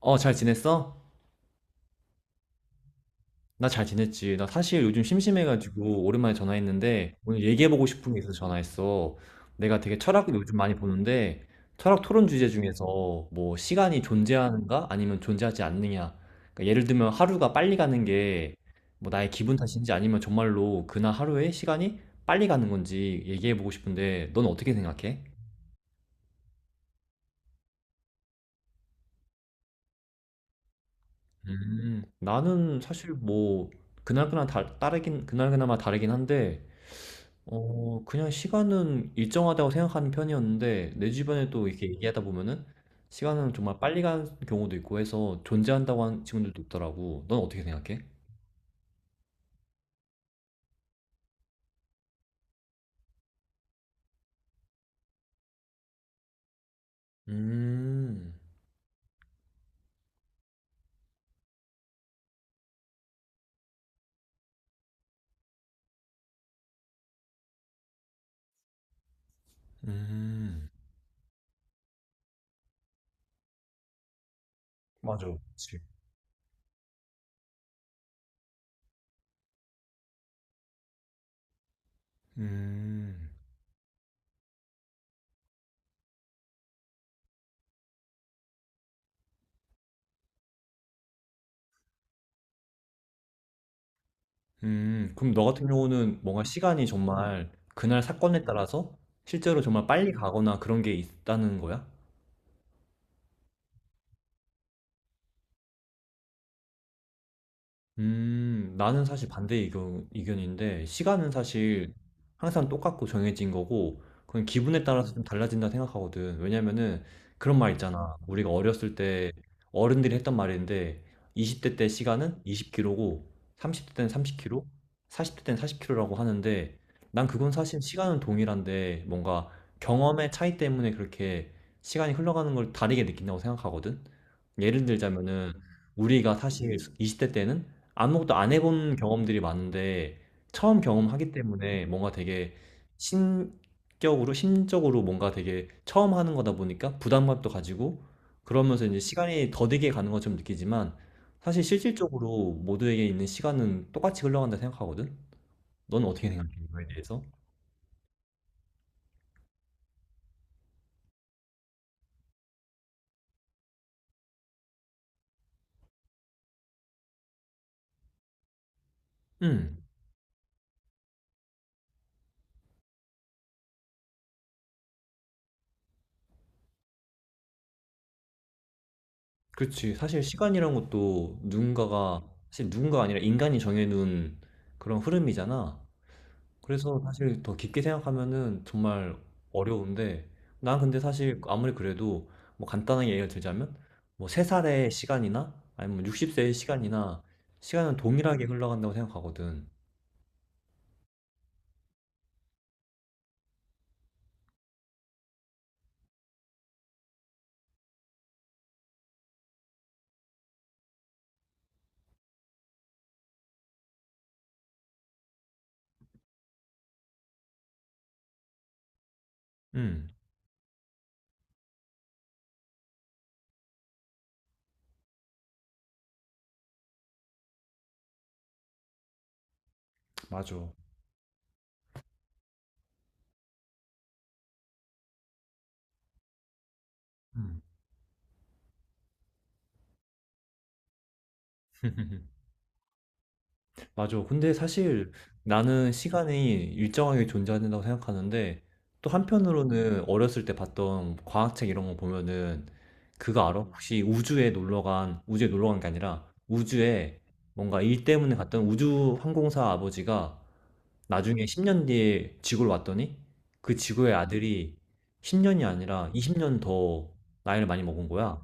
어, 잘 지냈어? 나 잘 지냈지. 나 사실 요즘 심심해가지고 오랜만에 전화했는데 오늘 얘기해보고 싶은 게 있어서 전화했어. 내가 되게 철학을 요즘 많이 보는데 철학 토론 주제 중에서 뭐 시간이 존재하는가 아니면 존재하지 않느냐. 그러니까 예를 들면 하루가 빨리 가는 게 뭐 나의 기분 탓인지 아니면 정말로 그날 하루에 시간이 빨리 가는 건지 얘기해보고 싶은데 넌 어떻게 생각해? 나는 사실 뭐 그날그날마다 다르긴 한데 그냥 시간은 일정하다고 생각하는 편이었는데 내 주변에도 이렇게 얘기하다 보면은 시간은 정말 빨리 가는 경우도 있고 해서 존재한다고 하는 친구들도 있더라고. 넌 어떻게 생각해? 음, 음, 맞아, 그치. 음, 그럼 너 같은 경우는 뭔가 시간이 정말 그날 사건에 따라서 실제로 정말 빨리 가거나 그런 게 있다는 거야? 나는 사실 반대 의견인데, 시간은 사실 항상 똑같고 정해진 거고, 그건 기분에 따라서 좀 달라진다 생각하거든. 왜냐면은 그런 말 있잖아. 우리가 어렸을 때 어른들이 했던 말인데, 20대 때 시간은 20km고, 30대 때는 30km, 40대 때는 40km라고 하는데, 난 그건 사실 시간은 동일한데, 뭔가 경험의 차이 때문에 그렇게 시간이 흘러가는 걸 다르게 느낀다고 생각하거든. 예를 들자면은, 우리가 사실 20대 때는 아무것도 안 해본 경험들이 많은데 처음 경험하기 때문에 뭔가 되게 신격으로 심적으로 뭔가 되게 처음 하는 거다 보니까 부담감도 가지고 그러면서 이제 시간이 더디게 가는 것처럼 느끼지만 사실 실질적으로 모두에게 있는 시간은 똑같이 흘러간다 생각하거든. 넌 어떻게 생각해? 이거에 대해서? 음, 그렇지. 사실 시간이란 것도 누군가가 사실 누군가가 아니라 인간이 정해놓은 그런 흐름이잖아. 그래서 사실 더 깊게 생각하면은 정말 어려운데, 난 근데 사실 아무리 그래도 뭐 간단하게 예를 들자면, 뭐 3살의 시간이나 아니면 60세의 시간이나 시간은 동일하게 흘러간다고 생각하거든. 음, 맞아. 음. 맞아. 근데 사실 나는 시간이 일정하게 존재한다고 생각하는데 또 한편으로는 어렸을 때 봤던 과학책 이런 거 보면은 그거 알아? 혹시 우주에 놀러 간, 우주에 놀러 간 게 아니라 우주에 뭔가 일 때문에 갔던 우주 항공사 아버지가 나중에 10년 뒤에 지구로 왔더니 그 지구의 아들이 10년이 아니라 20년 더 나이를 많이 먹은 거야.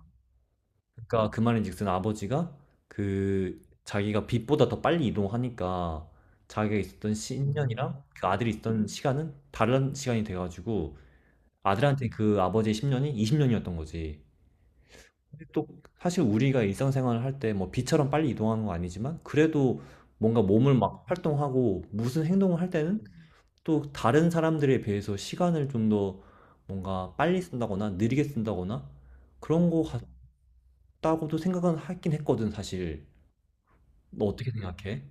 그러니까 그 말인즉슨 아버지가 그 자기가 빛보다 더 빨리 이동하니까 자기가 있었던 십 10년이랑 그 아들이 있던 시간은 다른 시간이 돼가지고 아들한테 그 아버지의 10년이 20년이었던 거지. 근데 또 사실 우리가 일상생활을 할 때 뭐 빛처럼 빨리 이동하는 건 아니지만 그래도 뭔가 몸을 막 활동하고 무슨 행동을 할 때는 또 다른 사람들에 비해서 시간을 좀 더 뭔가 빨리 쓴다거나 느리게 쓴다거나 그런 거 같다고도 생각은 하긴 했거든, 사실. 너 어떻게 생각해?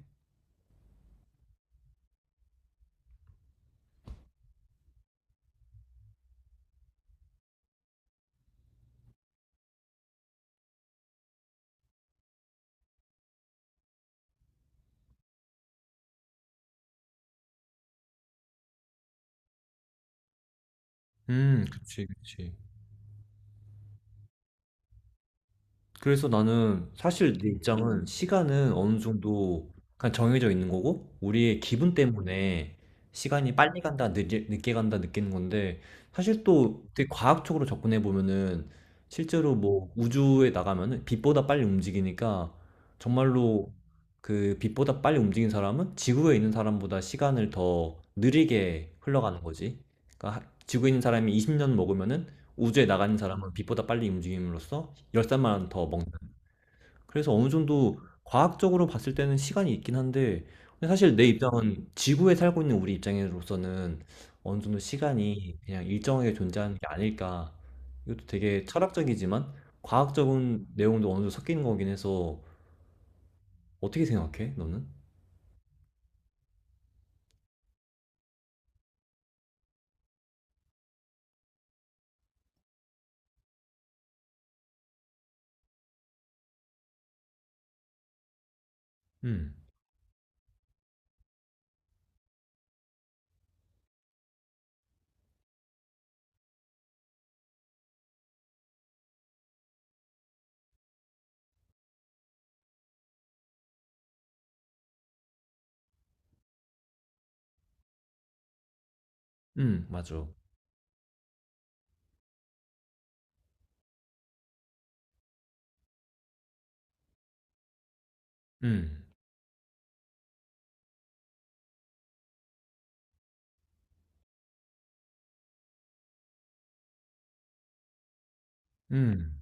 그치, 그치. 그래서 나는 사실 내 입장은 시간은 어느 정도 그냥 정해져 있는 거고 우리의 기분 때문에 시간이 빨리 간다, 늦게 간다 느끼는 건데 사실 또 되게 과학적으로 접근해 보면은 실제로 뭐 우주에 나가면은 빛보다 빨리 움직이니까 정말로 그 빛보다 빨리 움직인 사람은 지구에 있는 사람보다 시간을 더 느리게 흘러가는 거지. 그러니까 지구에 있는 사람이 20년 먹으면은 우주에 나가는 사람은 빛보다 빨리 움직임으로써 열산만 더 먹는. 그래서 어느 정도 과학적으로 봤을 때는 시간이 있긴 한데 근데 사실 내 입장은 지구에 살고 있는 우리 입장으로서는 어느 정도 시간이 그냥 일정하게 존재하는 게 아닐까. 이것도 되게 철학적이지만 과학적인 내용도 어느 정도 섞이는 거긴 해서 어떻게 생각해? 너는? 음, 맞아. 음, 음,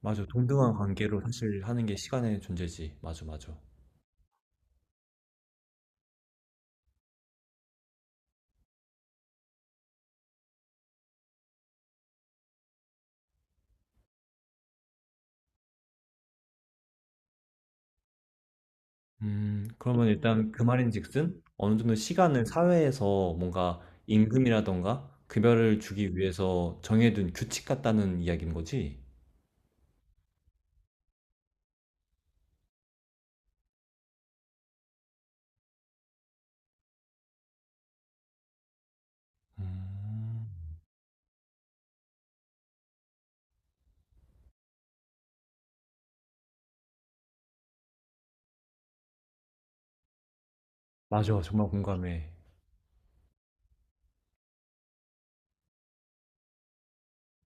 맞아. 동등한 관계로 사실 하는 게 시간의 존재지. 맞아, 맞아. 그러면 일단 그 말인즉슨 어느 정도 시간을 사회에서 뭔가 임금이라던가 급여를 주기 위해서 정해둔 규칙 같다는 이야기인 거지? 맞아, 정말 공감해.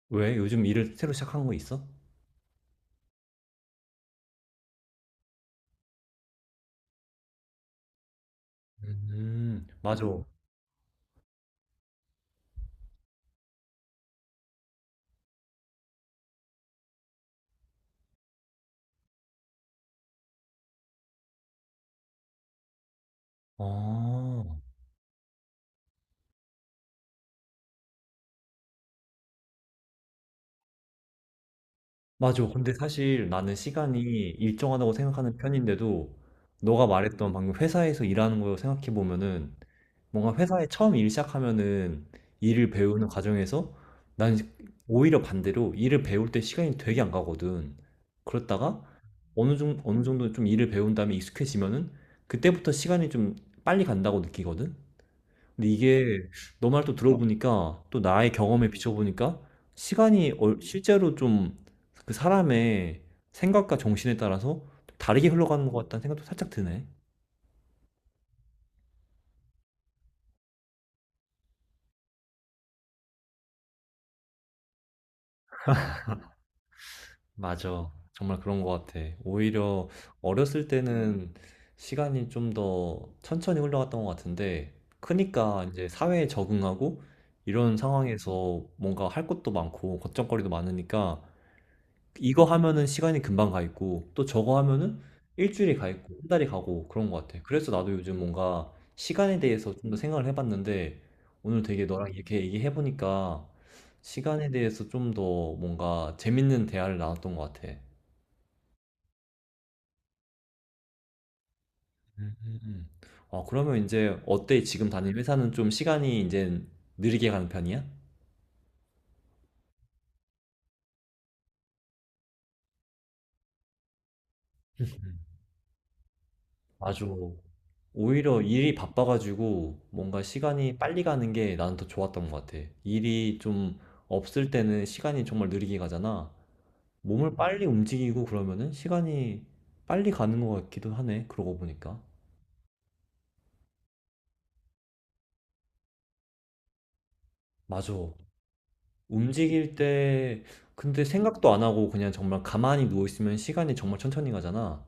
왜? 요즘 일을 새로 시작한 거 있어? 맞아. 어, 맞아. 근데 사실 나는 시간이 일정하다고 생각하는 편인데도 너가 말했던 방금 회사에서 일하는 거 생각해 보면은 뭔가 회사에 처음 일 시작하면은 일을 배우는 과정에서 난 오히려 반대로 일을 배울 때 시간이 되게 안 가거든. 그렇다가 어느 정도 좀 일을 배운 다음에 익숙해지면은 그때부터 시간이 좀 빨리 간다고 느끼거든. 근데 이게 너 말 또 들어보니까 또 나의 경험에 비춰보니까 시간이 실제로 좀 그 사람의 생각과 정신에 따라서 좀 다르게 흘러가는 것 같다는 생각도 살짝 드네. 맞아. 정말 그런 것 같아. 오히려 어렸을 때는 시간이 좀 더 천천히 흘러갔던 것 같은데, 크니까 이제 사회에 적응하고 이런 상황에서 뭔가 할 것도 많고 걱정거리도 많으니까 이거 하면은 시간이 금방 가 있고 또 저거 하면은 일주일이 가 있고 한 달이 가고 그런 것 같아. 그래서 나도 요즘 뭔가 시간에 대해서 좀 더 생각을 해봤는데 오늘 되게 너랑 이렇게 얘기해보니까 시간에 대해서 좀 더 뭔가 재밌는 대화를 나눴던 것 같아. 음. 어, 그러면 이제 어때? 지금 다니는 회사는 좀 시간이 이제 느리게 가는 편이야? 음. 맞아. 오히려 일이 바빠 가지고 뭔가 시간이 빨리 가는 게 나는 더 좋았던 것 같아. 일이 좀 없을 때는 시간이 정말 느리게 가잖아. 몸을 빨리 움직이고 그러면은 시간이 빨리 가는 것 같기도 하네. 그러고 보니까. 맞아. 움직일 때 근데 생각도 안 하고 그냥 정말 가만히 누워 있으면 시간이 정말 천천히 가잖아.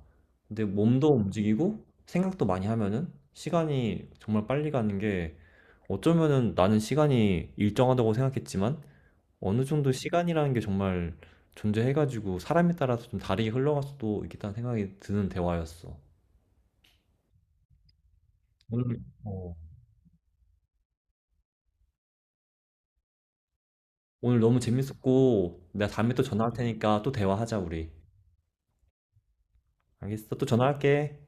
근데 몸도 움직이고 생각도 많이 하면은 시간이 정말 빨리 가는 게 어쩌면은 나는 시간이 일정하다고 생각했지만 어느 정도 시간이라는 게 정말 존재해가지고 사람에 따라서 좀 다르게 흘러갈 수도 있겠다는 생각이 드는 대화였어. 오늘, 어, 오늘 너무 재밌었고 내가 다음에 또 전화할 테니까 또 대화하자 우리. 알겠어? 또 전화할게.